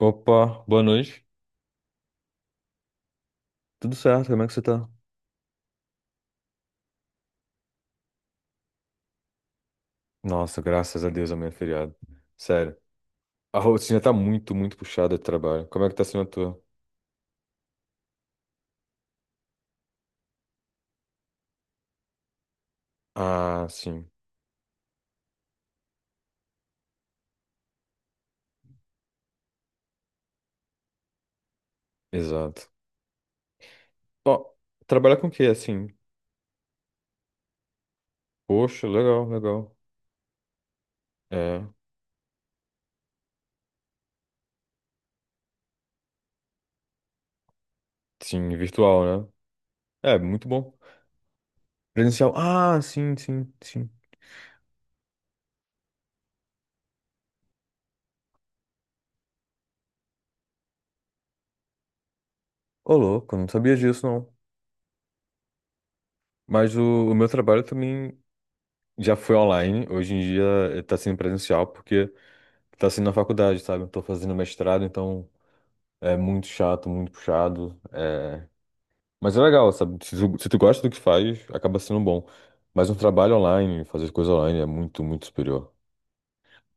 Opa, boa noite. Tudo certo? Como é que você tá? Nossa, graças a Deus, amanhã é feriado. Sério. A rotina tá muito, muito puxada de trabalho. Como é que tá sendo a tua? Ah, sim. Exato. Ó, trabalhar com o quê, assim? Poxa, legal, legal. É, sim, virtual, né? É, muito bom. Presencial. Ah, sim, sim, sim. Ô, louco, não sabia disso, não. Mas o meu trabalho também já foi online. Hoje em dia tá sendo presencial, porque tá sendo na faculdade, sabe? Eu tô fazendo mestrado, então... É muito chato, muito puxado. É... Mas é legal, sabe? Se tu gosta do que faz, acaba sendo bom. Mas um trabalho online, fazer coisa online é muito, muito superior.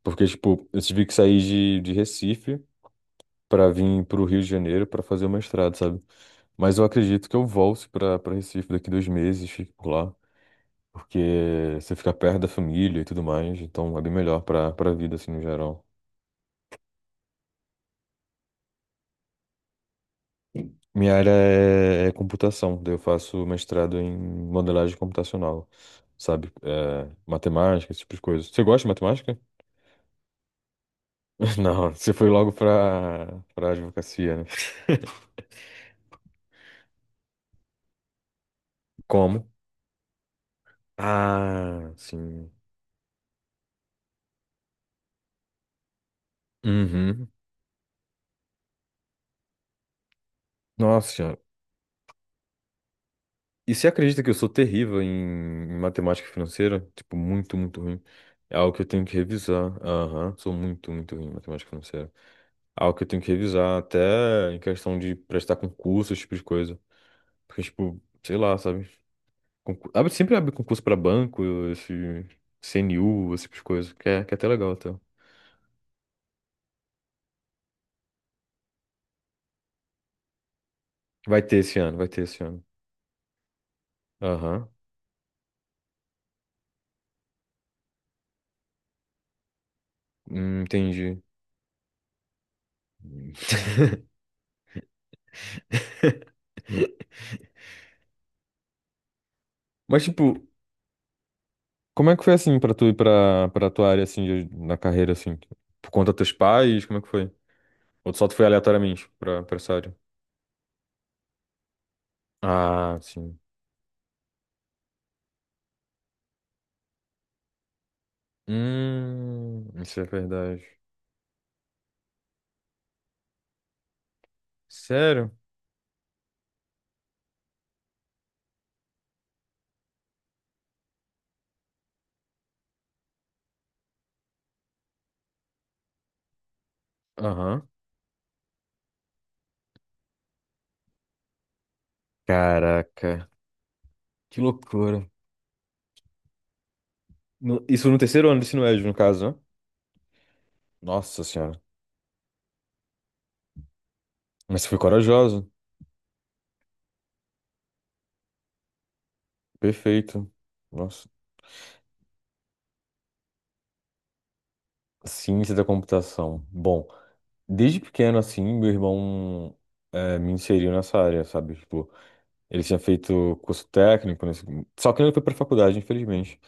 Porque, tipo, eu tive que sair de Recife pra vir pro Rio de Janeiro pra fazer o mestrado, sabe? Mas eu acredito que eu volte pra Recife daqui 2 meses, fico por lá. Porque você fica perto da família e tudo mais, então é bem melhor pra vida, assim, no geral. Minha área é computação, daí eu faço mestrado em modelagem computacional, sabe? É, matemática, esse tipo de coisa. Você gosta de matemática? Não, você foi logo pra advocacia, né? Como? Ah, sim. Uhum. Nossa senhora. E você acredita que eu sou terrível em matemática financeira? Tipo, muito, muito ruim. É algo que eu tenho que revisar. Aham, sou muito, muito ruim em matemática financeira. É algo que eu tenho que revisar, até em questão de prestar concurso, esse tipo de coisa. Porque, tipo, sei lá, sabe? Abre, sempre abre concurso pra banco, esse CNU, esse tipo de coisa, que é até legal, até. Vai ter esse ano, vai ter esse ano. Aham. Entendi. Mas, tipo, como é que foi assim pra tu ir pra tua área, assim, na carreira, assim? Por conta dos teus pais, como é que foi? Ou tu só tu foi aleatoriamente pra essa área? Ah, sim. Isso é verdade. Sério? Aham. Caraca, que loucura. Isso no terceiro ano do ensino médio, no caso, né? Nossa senhora. Mas você foi corajoso. Perfeito. Nossa. Ciência da computação. Bom, desde pequeno, assim, meu irmão me inseriu nessa área, sabe? Tipo, ele tinha feito curso técnico, só que ele foi pra faculdade, infelizmente.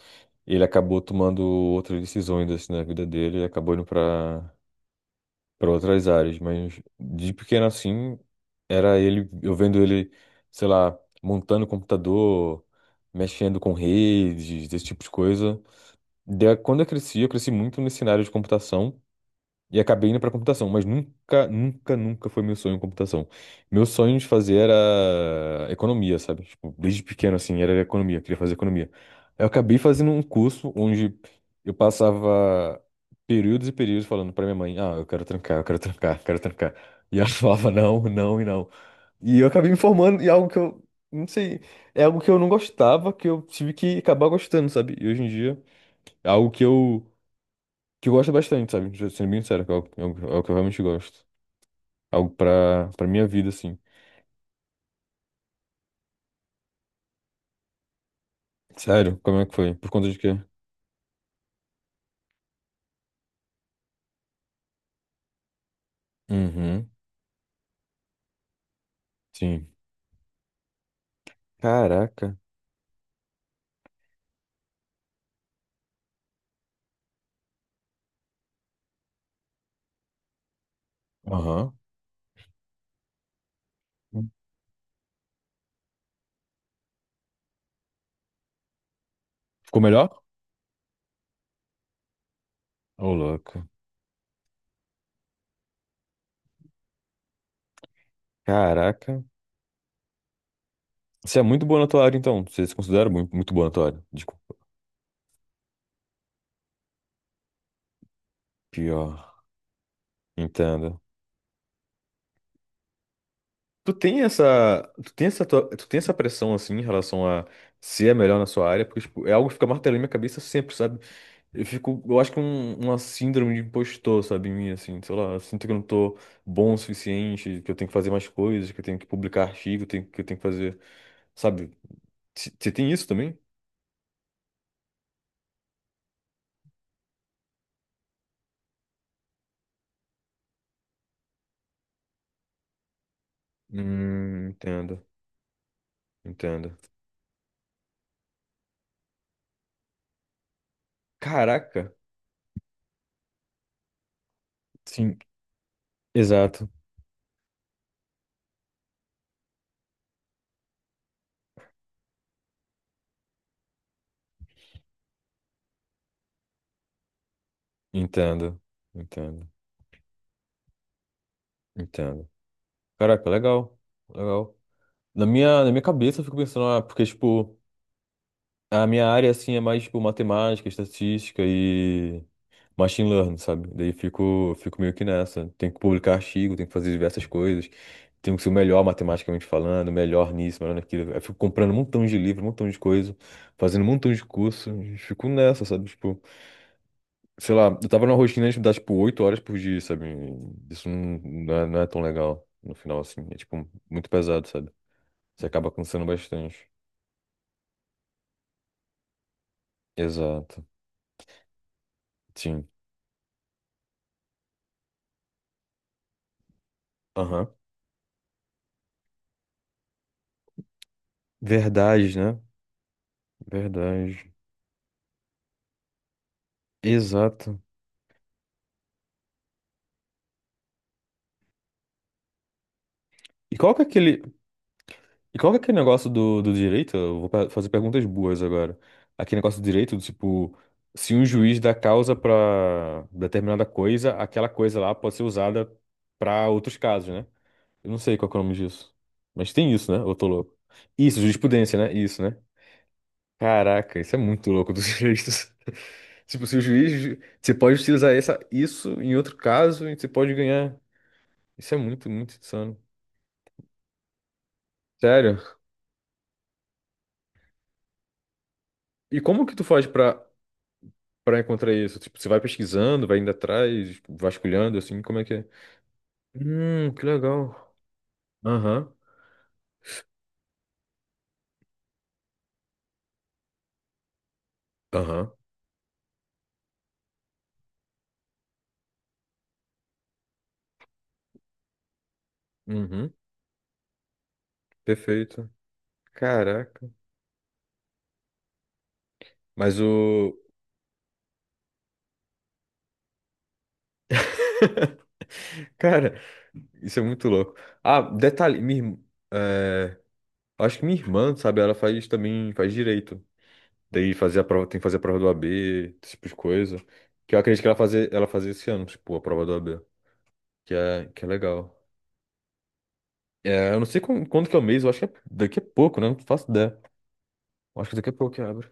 Ele acabou tomando outras decisões, assim, na vida dele e acabou indo pra para outras áreas, mas de pequeno assim, era ele, eu vendo ele, sei lá, montando computador, mexendo com redes, esse tipo de coisa. Quando eu cresci muito nesse cenário de computação. E acabei indo pra computação, mas nunca, nunca, nunca foi meu sonho computação. Meu sonho de fazer era economia, sabe? Tipo, desde pequeno, assim, era economia, queria fazer economia. Eu acabei fazendo um curso onde eu passava períodos e períodos falando pra minha mãe, ah, eu quero trancar, eu quero trancar, eu quero trancar. E ela falava não, não e não. E eu acabei me formando em algo que eu, não sei, é algo que eu não gostava, que eu tive que acabar gostando, sabe? E hoje em dia, é algo que eu gosto bastante, sabe? Sendo bem sério, que é algo, é algo- é algo que eu realmente gosto. Algo pra minha vida, assim. Sério? Como é que foi? Por conta de quê? Uhum, sim. Caraca. Aham. Ficou melhor? Ô, louco. Caraca. Você é muito boa na tua área, então. Você se considera muito, muito boa na tua área. Desculpa. Pior. Entendo. Tu tem essa, tua- tu tem essa pressão, assim, em relação a ser a melhor na sua área, porque, tipo, é algo que fica martelando na minha cabeça sempre, sabe? Eu fico, eu acho que é uma síndrome de impostor, sabe, em mim, assim, sei lá, eu sinto que eu não tô bom o suficiente, que eu tenho que fazer mais coisas, que eu tenho que publicar artigo, que eu tenho que fazer, sabe? Você tem isso também? Entendo, entendo. Caraca! Sim, exato. Entendo, entendo, entendo. Caraca, legal, legal. Na minha cabeça eu fico pensando, ah, porque, tipo. A minha área, assim, é mais, tipo, matemática, estatística e machine learning, sabe? Daí fico meio que nessa. Tenho que publicar artigo, tenho que fazer diversas coisas. Tenho que ser o melhor matematicamente falando, melhor nisso, melhor naquilo. Eu fico comprando um montão de livro, um montão de coisa, fazendo um montão de curso. E fico nessa, sabe? Tipo, sei lá, eu tava numa rotina de dar, tipo, 8 horas por dia, sabe? Isso não é tão legal no final, assim. É, tipo, muito pesado, sabe? Você acaba cansando bastante. Exato. Sim. Aham. Verdade, né? Verdade. Exato. E qual que é aquele, e qual que é aquele negócio do direito? Eu vou fazer perguntas boas agora. Aquele negócio do direito, do tipo, se um juiz dá causa pra determinada coisa, aquela coisa lá pode ser usada pra outros casos, né? Eu não sei qual que é o nome disso. Mas tem isso, né? Eu tô louco. Isso, jurisprudência, né? Isso, né? Caraca, isso é muito louco dos direitos. Tipo, se o juiz. Você pode utilizar isso em outro caso e você pode ganhar. Isso é muito, muito insano. Sério? E como que tu faz pra encontrar isso? Tipo, você vai pesquisando, vai indo atrás, tipo, vasculhando, assim, como é? Que legal. Aham, aham, uhum, perfeito. Caraca. Mas o... Cara, isso é muito louco. Ah, detalhe, minha, irm- é, acho que minha irmã, sabe, ela faz também, faz direito. Daí fazer a prova, tem que fazer a prova do AB, esse tipo de coisa. Que eu acredito que ela fazer esse ano, tipo, a prova do AB. Que é legal. É, eu não sei quando, que é o mês, eu acho que é daqui a pouco, né? Não faço ideia. Eu acho que daqui a pouco que abre.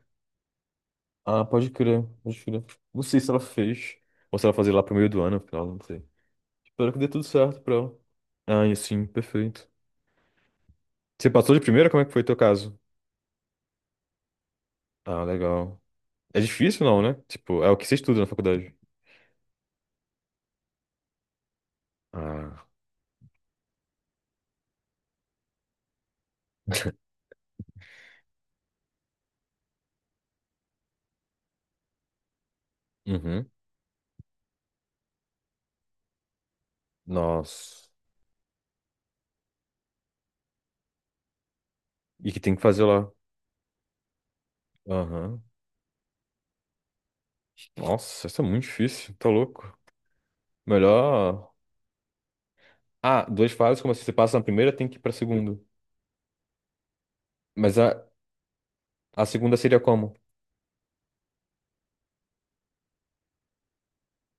Ah, pode crer, pode crer. Não sei se ela fez. Ou se ela fazer lá pro meio do ano, afinal, não sei. Espero que dê tudo certo pra ela. Ah, e sim, perfeito. Você passou de primeira? Como é que foi teu caso? Ah, legal. É difícil, não, né? Tipo, é o que você estuda na faculdade. Ah, uhum. Nossa. E que tem que fazer lá? Aham. Nossa, isso é muito difícil, tá louco. Melhor. Ah, duas fases, como assim? Você passa na primeira, tem que ir pra segunda. Mas a, A segunda seria como?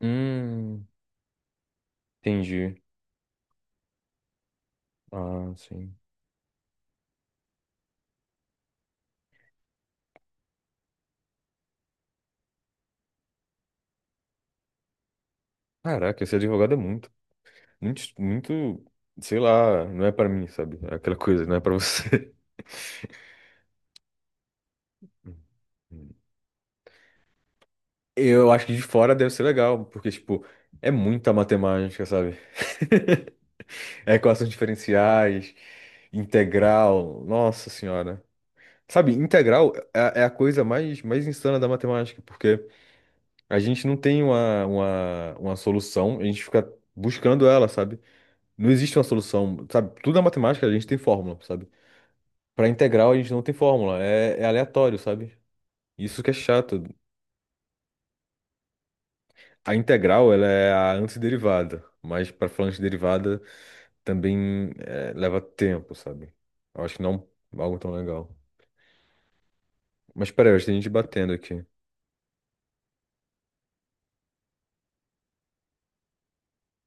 Hum, entendi. Ah, sim. Caraca, esse advogado é muito, muito, muito, sei lá, não é pra mim, sabe? É aquela coisa, não é pra você. Eu acho que de fora deve ser legal, porque, tipo, é muita matemática, sabe? É equações diferenciais, integral, nossa senhora. Sabe, integral é a coisa mais insana da matemática, porque a gente não tem uma solução, a gente fica buscando ela, sabe? Não existe uma solução, sabe? Tudo é matemática a gente tem fórmula, sabe? Para integral a gente não tem fórmula, é aleatório, sabe? Isso que é chato. A integral, ela é a antiderivada, mas para falar antiderivada também leva tempo, sabe? Eu acho que não é algo tão legal. Mas peraí, eu acho que tem gente batendo aqui.